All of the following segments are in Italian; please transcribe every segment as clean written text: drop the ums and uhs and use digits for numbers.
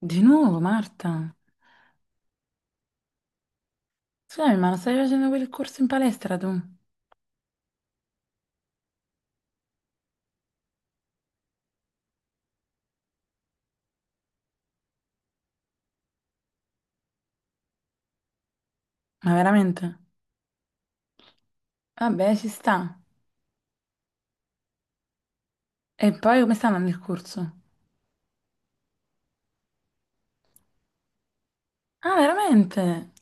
Di nuovo, Marta? Scusami, ma non stai facendo quel corso in palestra tu? Ma veramente? Vabbè, ci sta. E poi come sta andando il corso? Ah, veramente?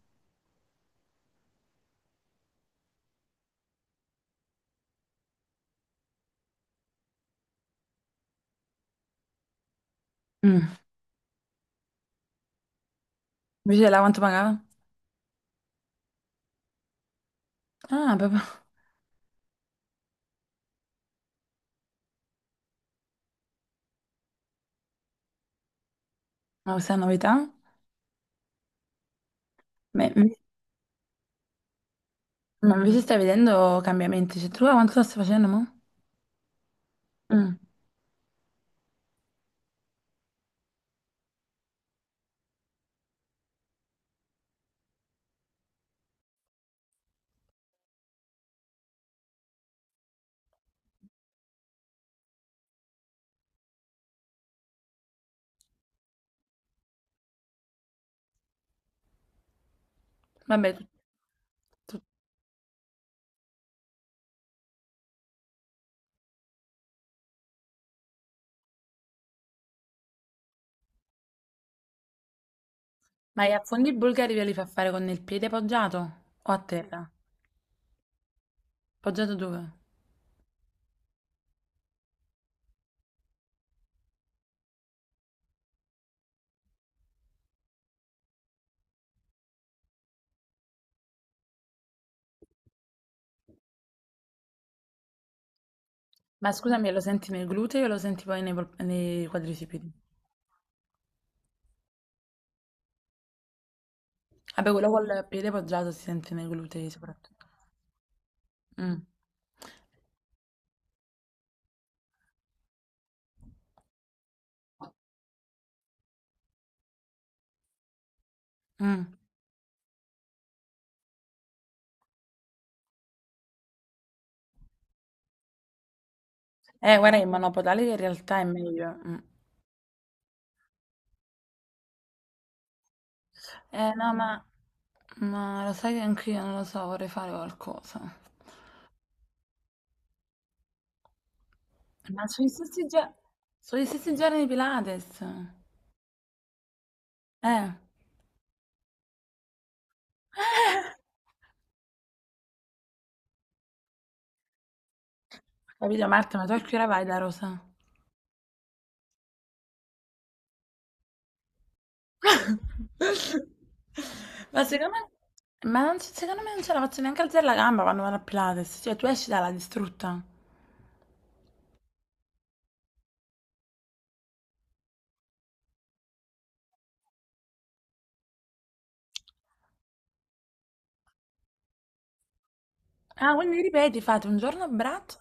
Mm. Invece là quanto pagava? Ah, proprio. Ma questa è una novità? Beh, ma invece stai vedendo cambiamenti. Cioè, tu là quanto lo stai facendo, mo? Mm. Vabbè, tu- tu- ma gli affondi bulgari ve li fa fare con il piede poggiato? O a terra? Poggiato dove? Ma scusami, lo senti nel gluteo o lo senti poi nei quadricipiti? Vabbè, quello col piede poggiato si sente nei glutei soprattutto. Mm, mm. Guarda, il monopodale in realtà è meglio. Mm. No, ma lo sai che anch'io non lo so, vorrei fare qualcosa. Ma sono gli stessi, gio- sono gli stessi giorni di Pilates. Eh. Capito, Marta, ma tu a che ora vai da Rosa? Ma secondo me, secondo me non ce la faccio neanche alzare la gamba quando vado a Pilates. Cioè, tu esci dalla distrutta. Ah, quindi ripeti, fate un giorno a braccio.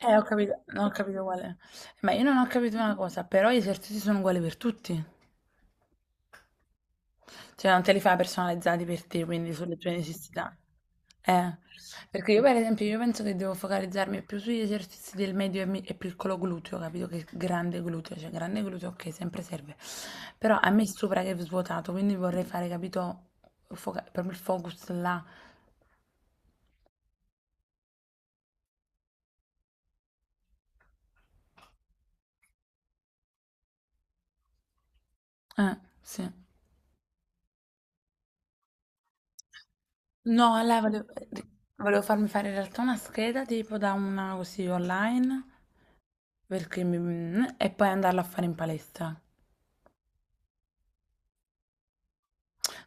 Ho capito, no, ho capito qual è. Ma io non ho capito una cosa, però gli esercizi sono uguali per tutti. Cioè, non te li fai personalizzati per te, quindi sulle tue necessità. Eh, perché io per esempio, io penso che devo focalizzarmi più sugli esercizi del medio e piccolo gluteo, capito? Che grande gluteo, cioè grande gluteo, ok, sempre serve. Però a me sopra che è svuotato, quindi vorrei fare, capito, proprio il focus là. Sì. No, a lei volevo, volevo farmi fare in realtà una scheda tipo da una così online perché e poi andarla a fare in palestra.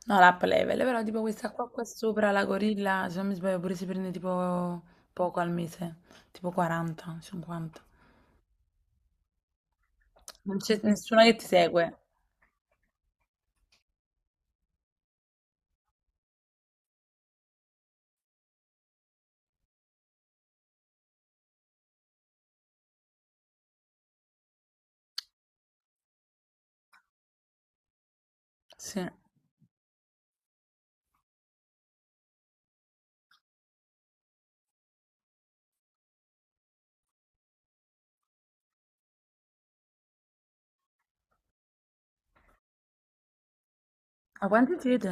No, l'app level, però tipo questa qua sopra, la gorilla, se non mi sbaglio pure si prende tipo poco al mese, tipo 40, 50. Non c'è nessuno che ti segue. Sì. Ma quanti siete?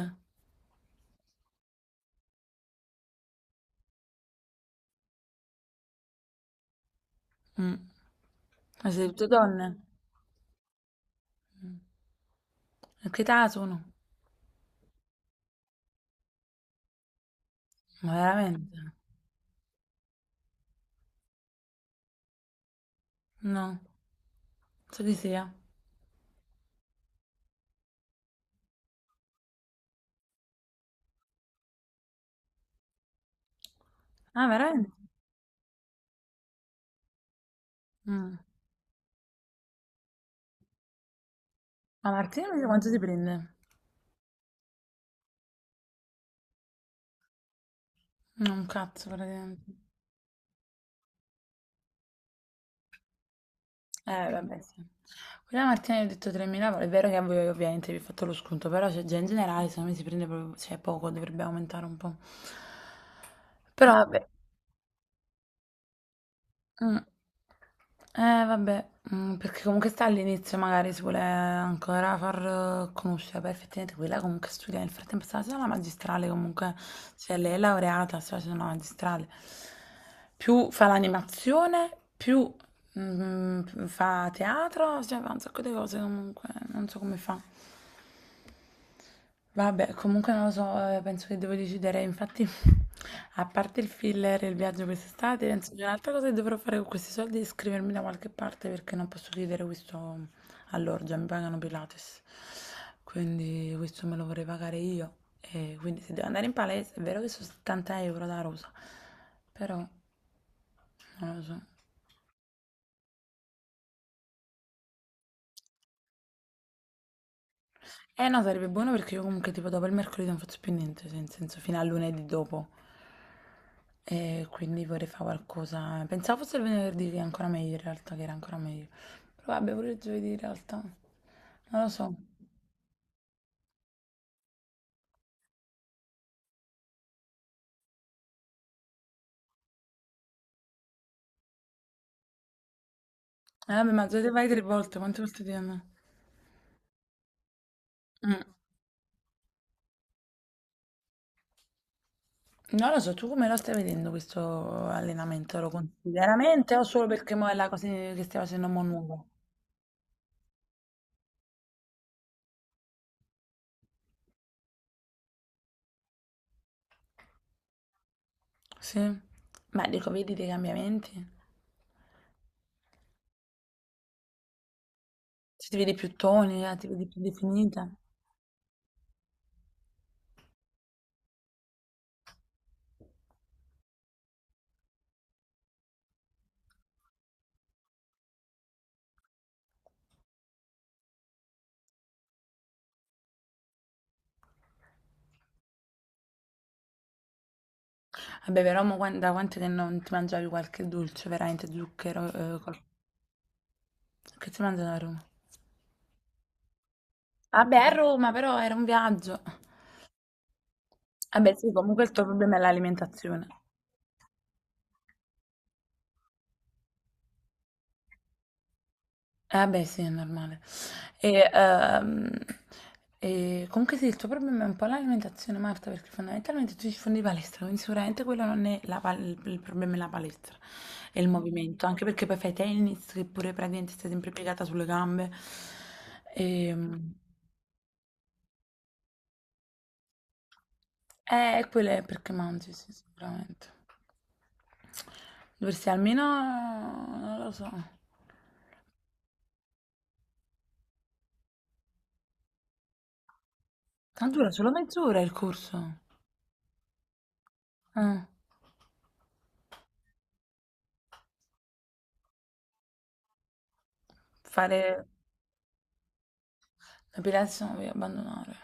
Mm. Ma siete tutte donne? A che età sono? Ma veramente? No, so chi sia. Ah, veramente? Mm. Ma Martina mi dice quanto ti prende? No, un cazzo praticamente. Vabbè, sì. Quella Martina gli ho detto 3.000, è vero che a voi ovviamente vi ho fatto lo sconto, però cioè, già in generale secondo me si prende proprio, cioè, poco, dovrebbe aumentare un po'. Però vabbè, mm. Vabbè, mm, perché comunque sta all'inizio, magari si vuole ancora far conoscere, però effettivamente quella comunque studia, nel frattempo sta facendo la magistrale comunque, cioè lei è laureata, sta facendo la magistrale, più fa l'animazione, più mm, mm, fa teatro, cioè fa un sacco di cose comunque, non so come fa. Vabbè, comunque non lo so, penso che devo decidere. Infatti, a parte il filler e il viaggio quest'estate, penso che un'altra cosa che dovrò fare con questi soldi è iscrivermi da qualche parte, perché non posso chiedere questo all'orgia, mi pagano Pilates. Quindi questo me lo vorrei pagare io. E quindi se devo andare in palestra, è vero che sono 70 euro da Rosa, però non lo so. Eh no, sarebbe buono perché io comunque tipo dopo il mercoledì non faccio più niente, cioè, nel senso fino a lunedì dopo. E quindi vorrei fare qualcosa. Pensavo fosse il venerdì che è ancora meglio in realtà, che era ancora meglio. Però vabbè, pure il giovedì in realtà. Non lo so. Vabbè, ma giovedì vai tre volte, quante volte ti hanno? Mm. Non lo so, tu come lo stai vedendo questo allenamento? Lo consideri veramente o solo perché mo è la cosa che stai facendo mo nuovo? Sì. Ma dico, vedi dei cambiamenti? Se ti vedi più tonica, ti vedi più definita. Vabbè, però mo quan- da quanto che non ti mangiavi qualche dolce, veramente zucchero? Che ti mangiano a Roma? Vabbè, a Roma però era un viaggio. Vabbè, sì, comunque il tuo problema è l'alimentazione. Vabbè, sì, è normale. E, ehm, e comunque sì, il tuo problema è un po' l'alimentazione, Marta, perché fondamentalmente tu ci fondi di palestra, quindi sicuramente quello non è la pal- il problema è la palestra, è il movimento, anche perché poi fai tennis, che pure praticamente stai sempre piegata sulle gambe. E, quello è perché mangi, sì, sicuramente. Dovresti almeno, non lo so. Ah, dura solo mezz'ora il corso. Ah, fare l'epilation e abbandonare.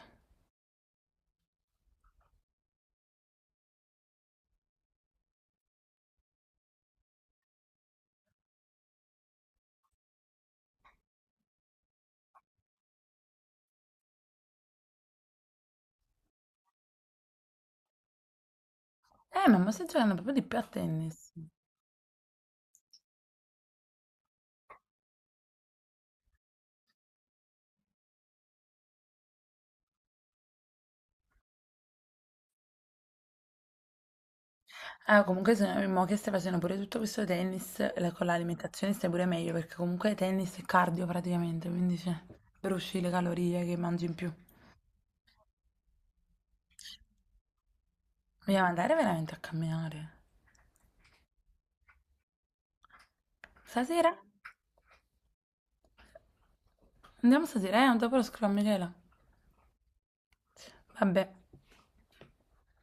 Ma mi stai giocando proprio di più a tennis. Ah, comunque se no, mo che stai facendo pure tutto questo tennis, con l'alimentazione stai pure meglio, perché comunque tennis è cardio praticamente, quindi cioè, bruci le calorie che mangi in più. Vogliamo andare veramente a camminare. Stasera? Andiamo stasera, eh? Dopo lo scrivo a Michela. Vabbè.